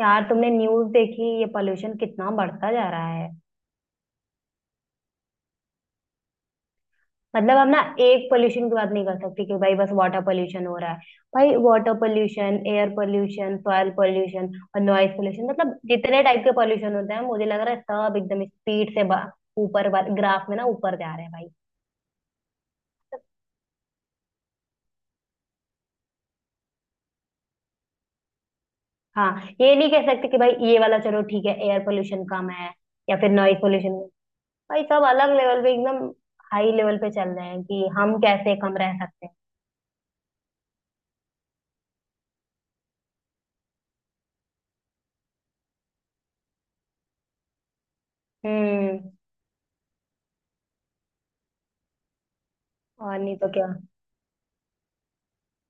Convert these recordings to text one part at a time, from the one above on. यार तुमने न्यूज देखी ये पोल्यूशन कितना बढ़ता जा रहा है। मतलब हम ना एक पोल्यूशन की बात नहीं कर सकते कि भाई बस वाटर पोल्यूशन हो रहा है। भाई water pollution, air pollution, soil pollution और नॉइज पोल्यूशन, मतलब जितने टाइप के पोल्यूशन होते हैं मुझे लग रहा है सब एकदम स्पीड से ऊपर ग्राफ में ना ऊपर जा रहे हैं भाई। हाँ, ये नहीं कह सकते कि भाई ये वाला चलो ठीक है एयर पोल्यूशन कम है या फिर नॉइज पोल्यूशन। भाई सब अलग लेवल पे एकदम हाई लेवल पे चल रहे हैं कि हम कैसे कम रह सकते हैं। हम्म। और नहीं तो क्या।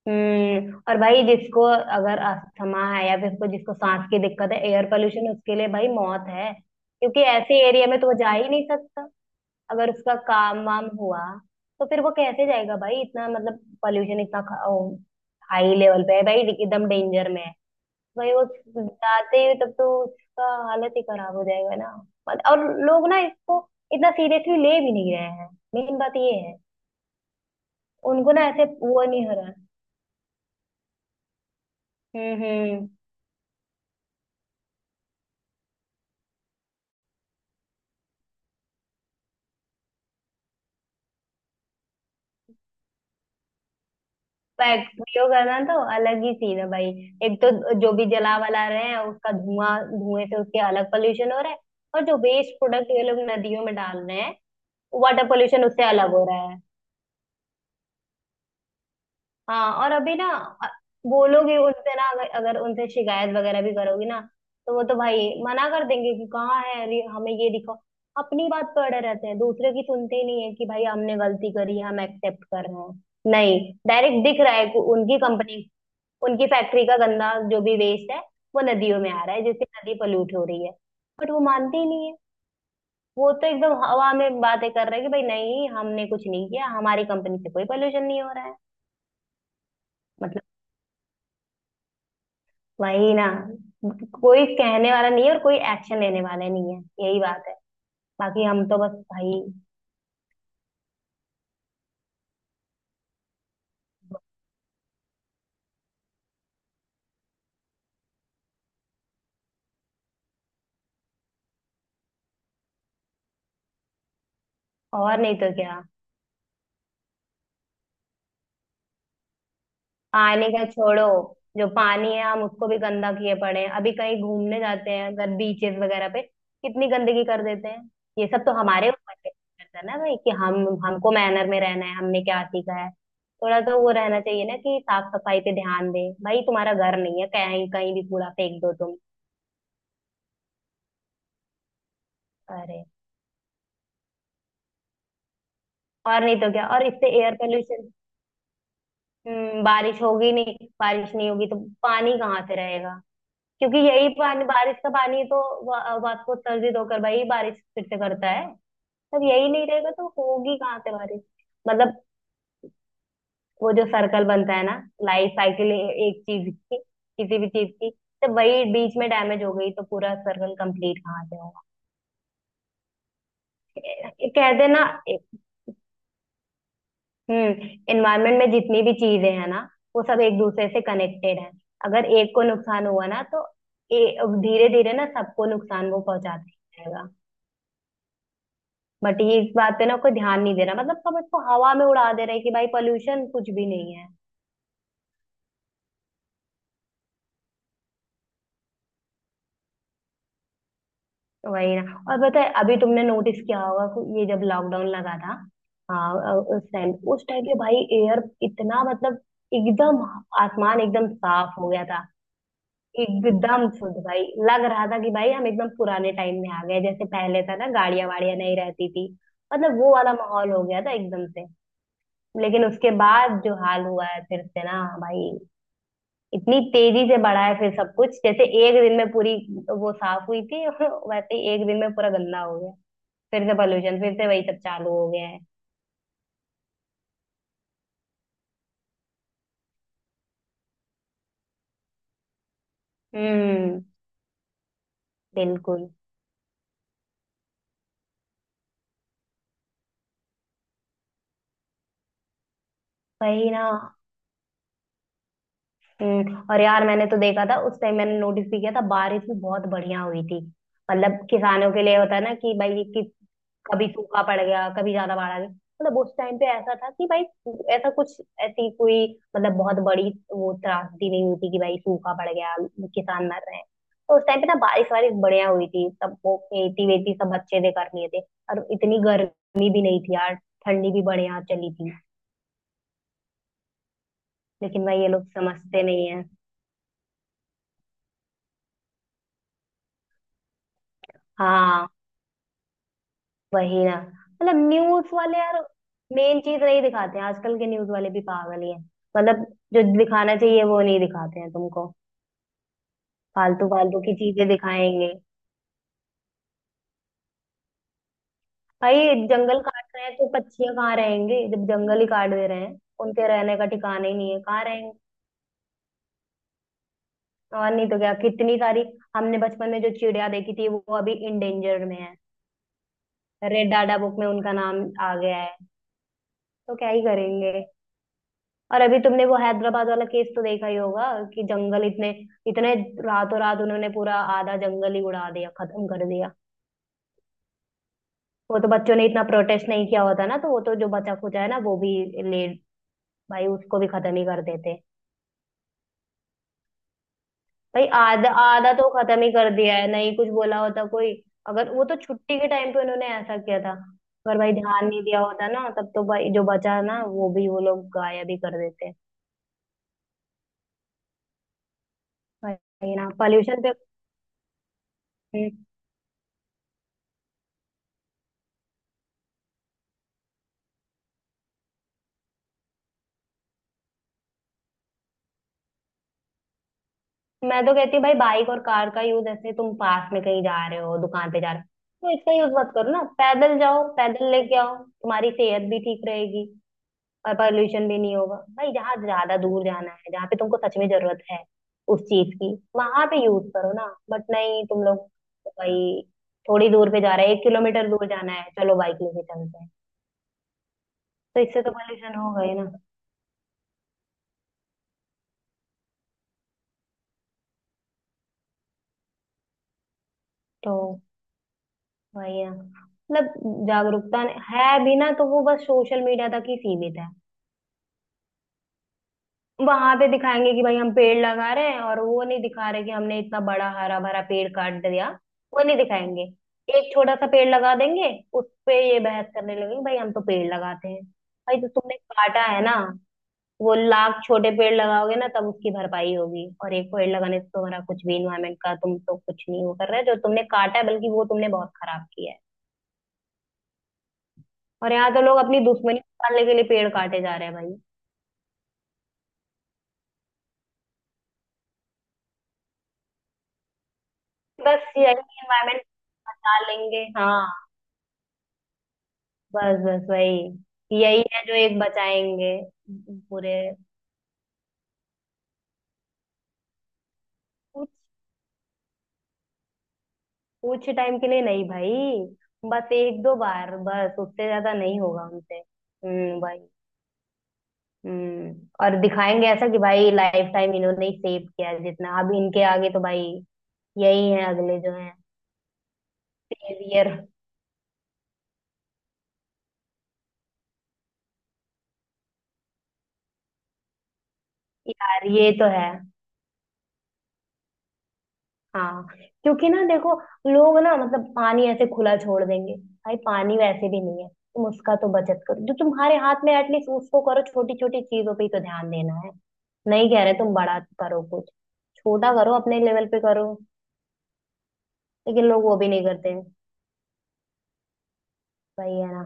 हम्म, और भाई जिसको अगर अस्थमा है या फिर कोई जिसको सांस की दिक्कत है, एयर पोल्यूशन उसके लिए भाई मौत है, क्योंकि ऐसे एरिया में तो वो जा ही नहीं सकता। अगर उसका काम वाम हुआ तो फिर वो कैसे जाएगा भाई, इतना मतलब पोल्यूशन इतना हाई लेवल पे है, भाई एकदम डेंजर में है। भाई वो जाते ही तब तो उसका हालत ही खराब हो जाएगा ना। और लोग ना इसको इतना सीरियसली ले भी नहीं रहे हैं। मेन बात ये है। उनको ना ऐसे वो नहीं हो रहा। हम्म। पैक वीडियो करना तो अलग ही सीन है भाई। एक तो जो भी जला वला रहे हैं उसका धुआं, धुएं से उसके अलग पोल्यूशन हो रहा है। और जो वेस्ट प्रोडक्ट ये लोग नदियों में डाल रहे हैं, वाटर पोल्यूशन उससे अलग हो रहा है। हाँ, और अभी ना अ- बोलोगे उनसे ना, अगर उनसे शिकायत वगैरह भी करोगी ना, तो वो तो भाई मना कर देंगे कि कहाँ है, अरे हमें ये दिखाओ। अपनी बात पे अड़े रहते हैं, दूसरे की सुनते ही नहीं है कि भाई हमने गलती करी हम एक्सेप्ट कर रहे हैं, नहीं। डायरेक्ट दिख रहा है कि उनकी कंपनी, उनकी फैक्ट्री का गंदा जो भी वेस्ट है वो नदियों में आ रहा है, जिससे नदी पोल्यूट हो रही है। बट वो मानते ही नहीं है। वो तो एकदम हवा में बातें कर रहे हैं कि भाई नहीं, हमने कुछ नहीं किया, हमारी कंपनी से कोई पोल्यूशन नहीं हो रहा है। मतलब वही ना, कोई कहने वाला नहीं है और कोई एक्शन लेने वाला नहीं है। यही बात है। बाकी हम तो बस भाई। और नहीं तो क्या। पानी का छोड़ो। जो पानी है हम उसको भी गंदा किए पड़े हैं, अभी कहीं घूमने जाते हैं अगर बीचेस वगैरह पे कितनी गंदगी कर देते हैं। ये सब तो हमारे ऊपर डिपेंड करता है ना भाई कि हम, हमको मैनर में रहना है, हमने क्या सीखा है। थोड़ा तो वो रहना चाहिए ना कि साफ सफाई पे ध्यान दें, भाई तुम्हारा घर नहीं है कहीं, कहीं भी कूड़ा फेंक दो तुम। अरे, और नहीं तो क्या, और इससे एयर पोल्यूशन। बारिश होगी नहीं, बारिश नहीं होगी तो पानी कहाँ से रहेगा। क्योंकि यही पानी, बारिश का पानी तो वास्को उत्सर्जित होकर भाई बारिश फिर से करता है। तब यही नहीं रहेगा तो होगी कहाँ से बारिश। मतलब वो जो सर्कल बनता है ना, लाइफ साइकिल एक चीज की, किसी भी चीज की, तो वही बीच में डैमेज हो गई तो पूरा सर्कल कंप्लीट कहाँ से होगा। ये कहते हैं ना, एनवायरमेंट में जितनी भी चीजें हैं ना वो सब एक दूसरे से कनेक्टेड है। अगर एक को नुकसान हुआ ना तो धीरे धीरे ना सबको नुकसान वो पहुंचाते रहेगा। बट ये इस बात पे ना कोई ध्यान नहीं दे रहा, मतलब सब इसको हवा में उड़ा दे रहे हैं कि भाई पोल्यूशन कुछ भी नहीं है। वही ना। और पता है अभी तुमने नोटिस किया होगा कि ये जब लॉकडाउन लगा था। हाँ, उस टाइम पे भाई एयर इतना मतलब एकदम, आसमान एकदम साफ हो गया था। एकदम शुद्ध भाई। लग रहा था कि भाई हम एकदम पुराने टाइम में आ गए, जैसे पहले था ना गाड़ियां वाड़ियां नहीं रहती थी। मतलब वो वाला माहौल हो गया था एकदम से। लेकिन उसके बाद जो हाल हुआ है फिर से ना भाई, इतनी तेजी से बढ़ा है फिर सब कुछ, जैसे एक दिन में पूरी वो साफ हुई थी वैसे ही एक दिन में पूरा गंदा हो गया। फिर से पॉल्यूशन, फिर से वही सब चालू हो गया है। हम्म। बिल्कुल। वही ना। हम्म, और यार मैंने तो देखा था उस टाइम, मैंने नोटिस भी किया था, बारिश भी बहुत बढ़िया हुई थी। मतलब किसानों के लिए होता है ना कि भाई कि कभी सूखा पड़ गया, कभी ज्यादा बाढ़ आ गई, मतलब उस टाइम पे ऐसा था कि भाई ऐसा कुछ, ऐसी कोई मतलब बहुत बड़ी वो त्रासदी नहीं हुई थी कि भाई सूखा पड़ गया, किसान मर रहे हैं। तो उस टाइम पे ना बारिश वारिश बढ़िया हुई थी, सब वो खेती वेती सब अच्छे से कर लिए थे। और इतनी गर्मी भी नहीं थी यार। ठंडी भी बढ़िया चली थी। लेकिन भाई ये लोग समझते नहीं है। हाँ। वही ना। मतलब न्यूज वाले यार मेन चीज नहीं दिखाते हैं, आजकल के न्यूज वाले भी पागल ही हैं। मतलब जो दिखाना चाहिए वो नहीं दिखाते हैं तुमको, फालतू फालतू की चीजें दिखाएंगे। भाई जंगल काट रहे हैं तो पक्षियां कहाँ रहेंगे, जब जंगल ही काट दे रहे हैं। उनके रहने का ठिकाना ही नहीं है, कहाँ रहेंगे। और नहीं तो क्या, कितनी सारी हमने बचपन में जो चिड़िया देखी थी वो अभी इंडेंजर में है। रेड डाटा बुक में उनका नाम आ गया है। तो क्या ही करेंगे। और अभी तुमने वो हैदराबाद वाला केस तो देखा ही होगा कि जंगल इतने, इतने रातों रात उन्होंने पूरा आधा जंगल ही उड़ा दिया, खत्म कर दिया। वो तो बच्चों ने इतना प्रोटेस्ट नहीं किया होता ना, तो वो तो जो बचा खुचा है ना वो भी ले भाई उसको भी खत्म ही कर देते। भाई आधा आधा तो खत्म ही कर दिया है, नहीं कुछ बोला होता कोई। अगर, वो तो छुट्टी के टाइम पे उन्होंने ऐसा किया था। अगर भाई ध्यान नहीं दिया होता ना, तब तो भाई जो बचा ना वो भी वो लोग गायब ही कर देते। भाई ना पॉल्यूशन पे। हम्म, मैं तो कहती हूँ भाई बाइक और कार का यूज, ऐसे तुम पास में कहीं जा रहे हो, दुकान पे जा रहे हो तो इसका यूज मत करो ना, पैदल जाओ पैदल लेके आओ, तुम्हारी सेहत भी ठीक रहेगी और पॉल्यूशन भी नहीं होगा। भाई जहाँ ज्यादा दूर जाना है, जहाँ पे तुमको सच में जरूरत है उस चीज की, वहां पे यूज करो ना, बट नहीं, तुम लोग तो भाई थोड़ी दूर पे जा रहे हैं 1 किलोमीटर दूर जाना है, चलो बाइक लेके चलते हैं, तो इससे तो पॉल्यूशन हो गए ना। तो वही ना, मतलब जागरूकता है भी ना तो वो बस सोशल मीडिया तक ही सीमित है। वहां पे दिखाएंगे कि भाई हम पेड़ लगा रहे हैं, और वो नहीं दिखा रहे कि हमने इतना बड़ा हरा भरा पेड़ काट दिया। वो नहीं दिखाएंगे, एक छोटा सा पेड़ लगा देंगे। उस पे ये बहस करने लगेंगे, भाई हम तो पेड़ लगाते हैं, भाई जो तुमने काटा है ना, वो लाख छोटे पेड़ लगाओगे ना तब उसकी भरपाई होगी, और एक पेड़ लगाने से तुम्हारा कुछ भी इन्वायरमेंट का तुम तो कुछ नहीं वो कर रहे जो तुमने काटा है, बल्कि वो तुमने बहुत खराब किया है। और यहाँ तो लोग अपनी दुश्मनी निकालने के लिए पेड़ काटे जा रहे हैं भाई। बस यही, इन्वायरमेंट बचा लेंगे, हाँ। बस बस वही, यही है जो एक बचाएंगे। पूरे कुछ कुछ टाइम के लिए नहीं भाई, बस एक दो बार, बस उससे ज्यादा नहीं होगा उनसे, भाई। हम्म। और दिखाएंगे ऐसा कि भाई लाइफ टाइम इन्होंने ही सेव किया है, जितना अब इनके आगे तो भाई यही है अगले जो है, सेवियर। यार ये तो है। हाँ। क्योंकि ना देखो, लोग ना मतलब पानी ऐसे खुला छोड़ देंगे। भाई पानी वैसे भी नहीं है, तुम उसका तो बचत करो, जो तुम्हारे हाथ में एटलीस्ट उसको करो, छोटी छोटी चीजों पे ही तो ध्यान देना है। नहीं कह रहे तुम बड़ा करो कुछ, छोटा करो, अपने लेवल पे करो। लेकिन लोग वो भी नहीं करते हैं। वही है ना।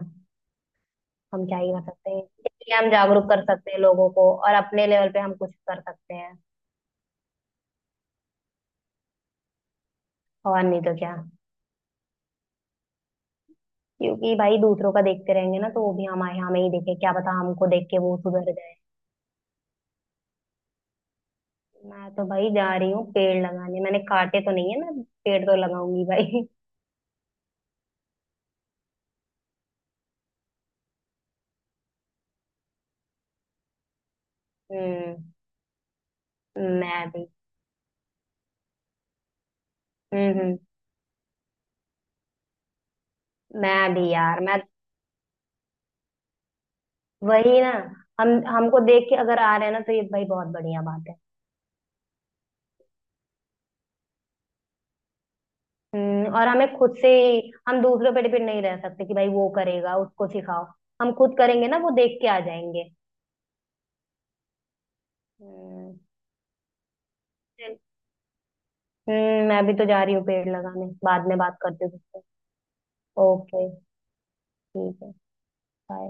हम क्या ही कर सकते हैं, इसलिए हम जागरूक कर सकते हैं लोगों को और अपने लेवल पे हम कुछ कर सकते हैं। और नहीं तो क्या। क्योंकि भाई दूसरों का देखते रहेंगे ना, तो वो भी हमारे, हमें ही देखे, क्या पता हमको देख के वो सुधर जाए। मैं तो भाई जा रही हूँ पेड़ लगाने, मैंने काटे तो नहीं है, मैं पेड़ तो लगाऊंगी भाई। हम्म। मैं भी। हम्म हम्म, मैं भी यार मैं वही ना, हम हमको देख के अगर आ रहे हैं ना तो ये भाई बहुत बढ़िया बात है। हम्म, और हमें खुद से ही, हम दूसरों पे डिपेंड नहीं रह सकते कि भाई वो करेगा, उसको सिखाओ। हम खुद करेंगे ना, वो देख के आ जाएंगे। हम्म। चल। मैं भी तो जा रही हूँ पेड़ लगाने, बाद में बात करती हूँ तुझसे। ओके। ठीक है। bye।